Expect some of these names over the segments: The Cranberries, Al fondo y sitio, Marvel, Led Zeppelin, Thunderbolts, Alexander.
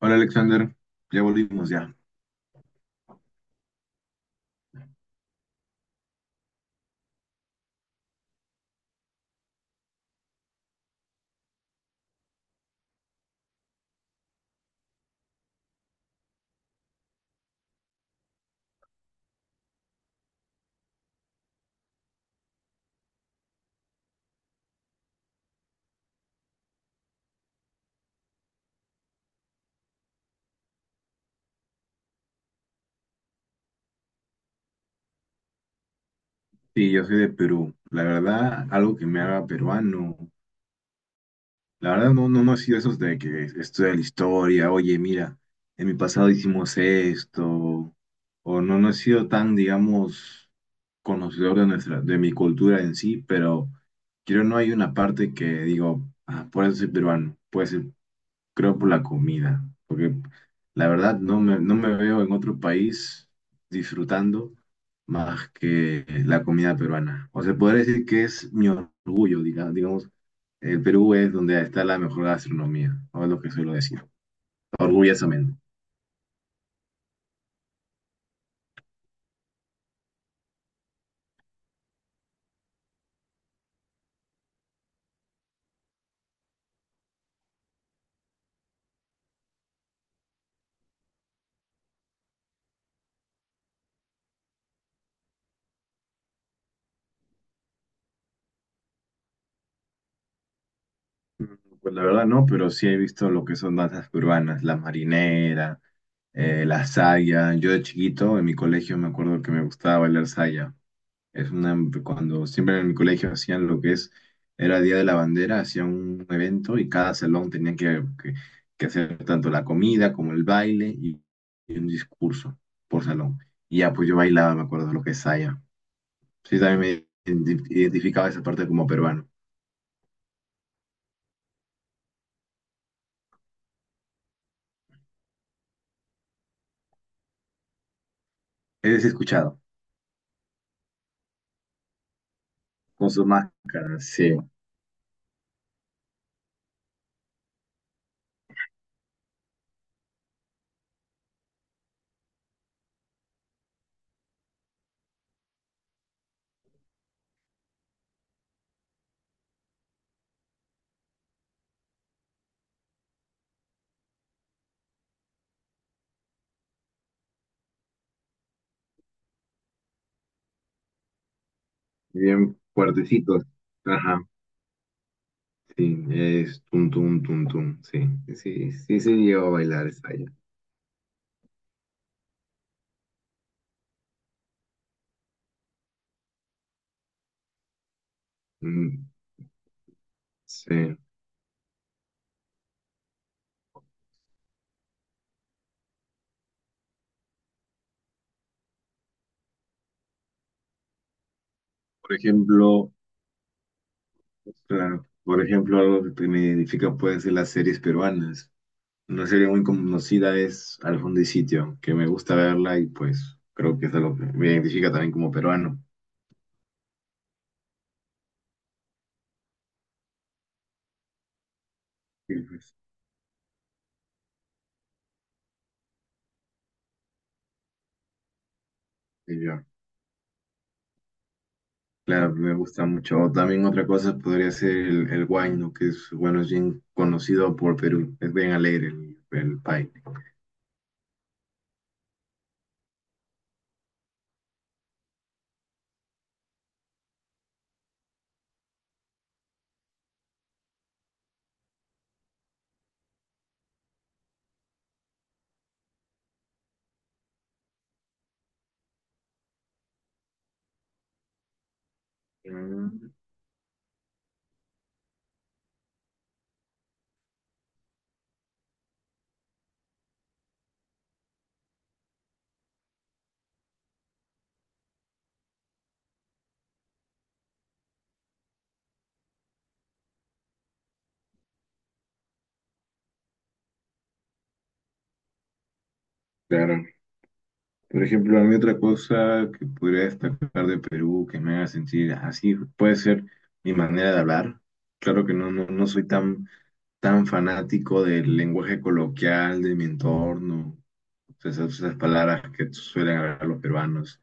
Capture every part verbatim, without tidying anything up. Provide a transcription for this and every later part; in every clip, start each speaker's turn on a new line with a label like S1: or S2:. S1: Hola Alexander, ya volvimos ya. Sí, yo soy de Perú. La verdad, algo que me haga peruano. La verdad, no, no, no ha sido esos de que estudia la historia, oye, mira, en mi pasado hicimos esto, o no, no he sido tan, digamos, conocedor de nuestra, de mi cultura en sí, pero creo no hay una parte que digo, ah, por eso soy peruano, puede ser, creo por la comida, porque la verdad no me, no me veo en otro país disfrutando más que la comida peruana. O sea, podría decir que es mi orgullo, diga- digamos, el Perú es donde está la mejor gastronomía, o es lo que suelo decir, orgullosamente. Pues la verdad no, pero sí he visto lo que son danzas peruanas, la marinera, eh, la saya. Yo de chiquito en mi colegio me acuerdo que me gustaba bailar saya. Es una, cuando siempre en mi colegio hacían lo que es, era Día de la Bandera, hacían un evento y cada salón tenía que, que- que hacer tanto la comida como el baile y, y un discurso por salón. Y ya, pues yo bailaba, me acuerdo lo que es saya. Sí, también me identi- identificaba esa parte como peruano. Es escuchado, con sus máscaras sí, bien fuertecitos. Ajá, sí, es tum, tum, tum, tum, sí. Sí, sí, se llegó a bailar saya. Mm, sí. Por ejemplo, claro. Por ejemplo, algo que me identifica puede ser las series peruanas. Una serie muy conocida es Al fondo y sitio, que me gusta verla y pues creo que es algo que me identifica también como peruano. Y, pues, y yo, claro, me gusta mucho. O también otra cosa podría ser el, el huayno, que es, bueno, es bien conocido por Perú. Es bien alegre el, el país. Mm. Claro. Por ejemplo, a mí otra cosa que podría destacar de Perú que me haga sentir así puede ser mi manera de hablar. Claro que no, no, no soy tan, tan fanático del lenguaje coloquial de mi entorno, esas, esas palabras que suelen hablar los peruanos,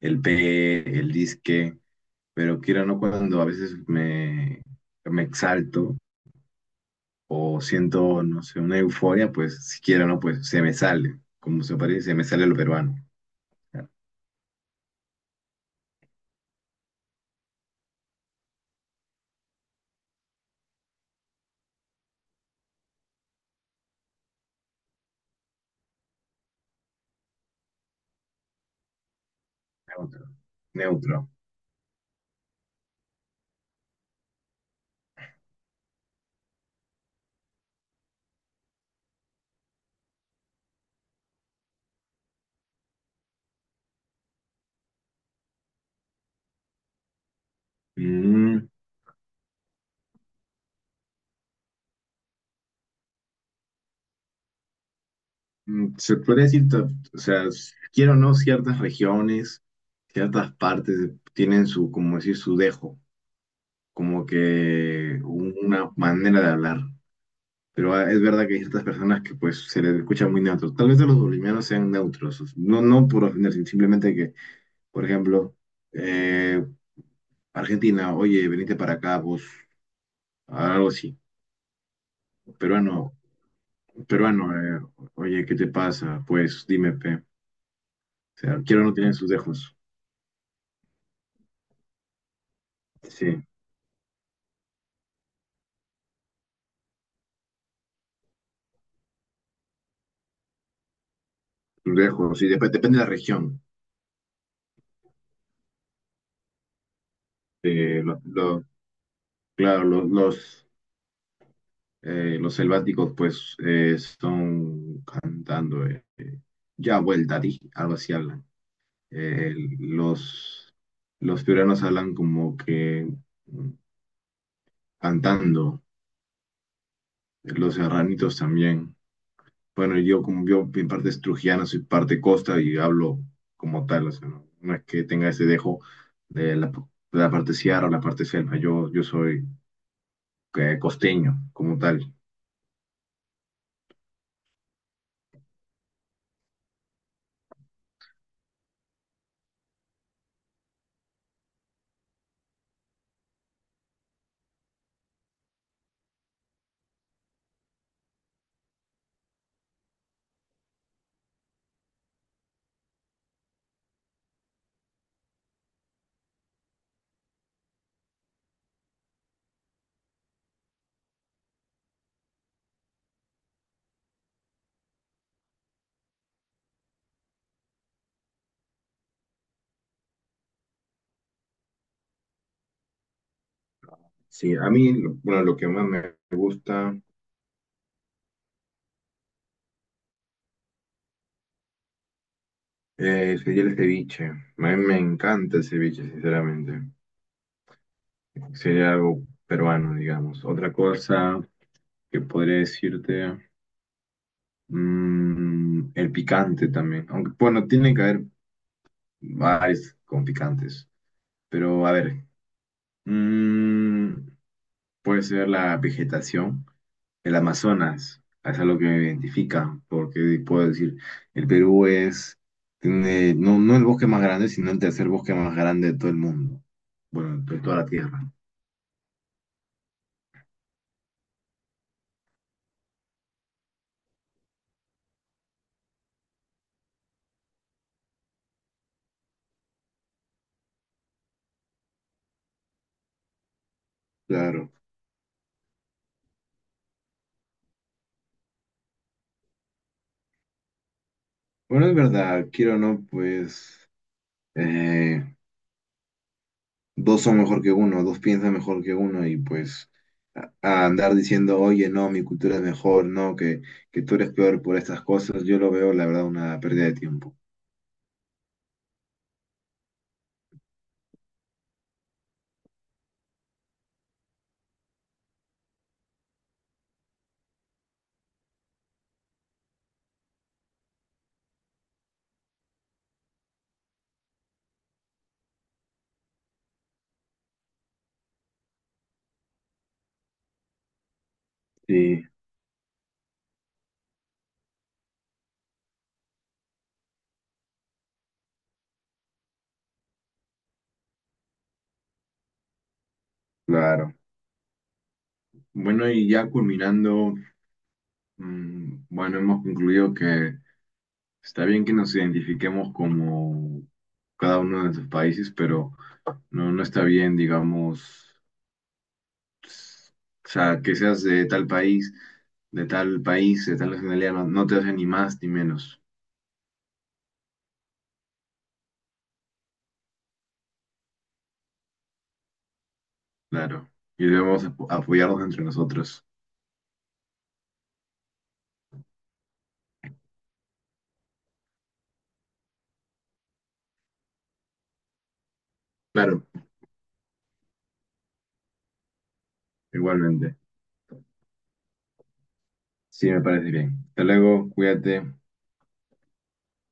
S1: el pe, el disque, pero quiero no cuando a veces me, me exalto o siento, no sé, una euforia, pues si quiero no, pues se me sale, como se parece, se me sale lo peruano. Neutro. Neutro. Mm, mm, se podría decir, ta- o sea, s- quiero o no, ciertas regiones, ciertas partes de- tienen su, como decir, su dejo, como que un- una manera de hablar. Pero ah, es verdad que hay ciertas personas que pues se les escucha muy neutros. Tal vez a los bolivianos sean neutros, o- no, no por ofender, sino simplemente que, por ejemplo, eh, Argentina, oye, venite para acá, vos, algo así. Peruano, peruano, eh, oye, ¿qué te pasa? Pues dime, pe. O sea, quiero o no tienen sus dejos. Sí, lejos. Y dep- depende de la región. Eh, lo- lo- claro, lo- los, eh, los selváticos pues eh, son cantando eh, eh, ya vuelta di, algo así hablan. Eh, los, los piuranos hablan como que mm, cantando. Los serranitos también. Bueno, yo como yo en parte es trujillano, soy parte costa y hablo como tal. O sea, no, no es que tenga ese dejo de la, de la parte sierra o la parte selva. Yo, yo soy eh, costeño como tal. Sí, a mí, lo- bueno, lo que más me gusta eh, sería el ceviche. A mí me encanta el ceviche, sinceramente. Sería algo peruano, digamos. Otra cosa que podría decirte, mm, el picante también. Aunque, bueno, tiene que haber varios con picantes. Pero, a ver, mm, puede ser la vegetación. El Amazonas, es algo que me identifica, porque puedo decir, el Perú es, tiene, no, no el bosque más grande, sino el tercer bosque más grande de todo el mundo. Bueno, de toda la Tierra. Claro. Bueno, es verdad, quiero o no, pues eh, dos son mejor que uno, dos piensan mejor que uno y pues a, a andar diciendo, oye, no, mi cultura es mejor, no, que, que tú eres peor por estas cosas, yo lo veo, la verdad, una pérdida de tiempo. Sí, claro. Bueno, y ya culminando. Mm, bueno, hemos concluido que está bien que nos identifiquemos como cada uno de nuestros países, pero no, no está bien, digamos, s- o sea, que seas de tal país, de tal país, de tal nacionalidad, no, no te hace ni más ni menos, claro. Y debemos apo- apoyarnos entre nosotros. Claro, igualmente. Sí, me parece bien. Hasta luego, cuídate.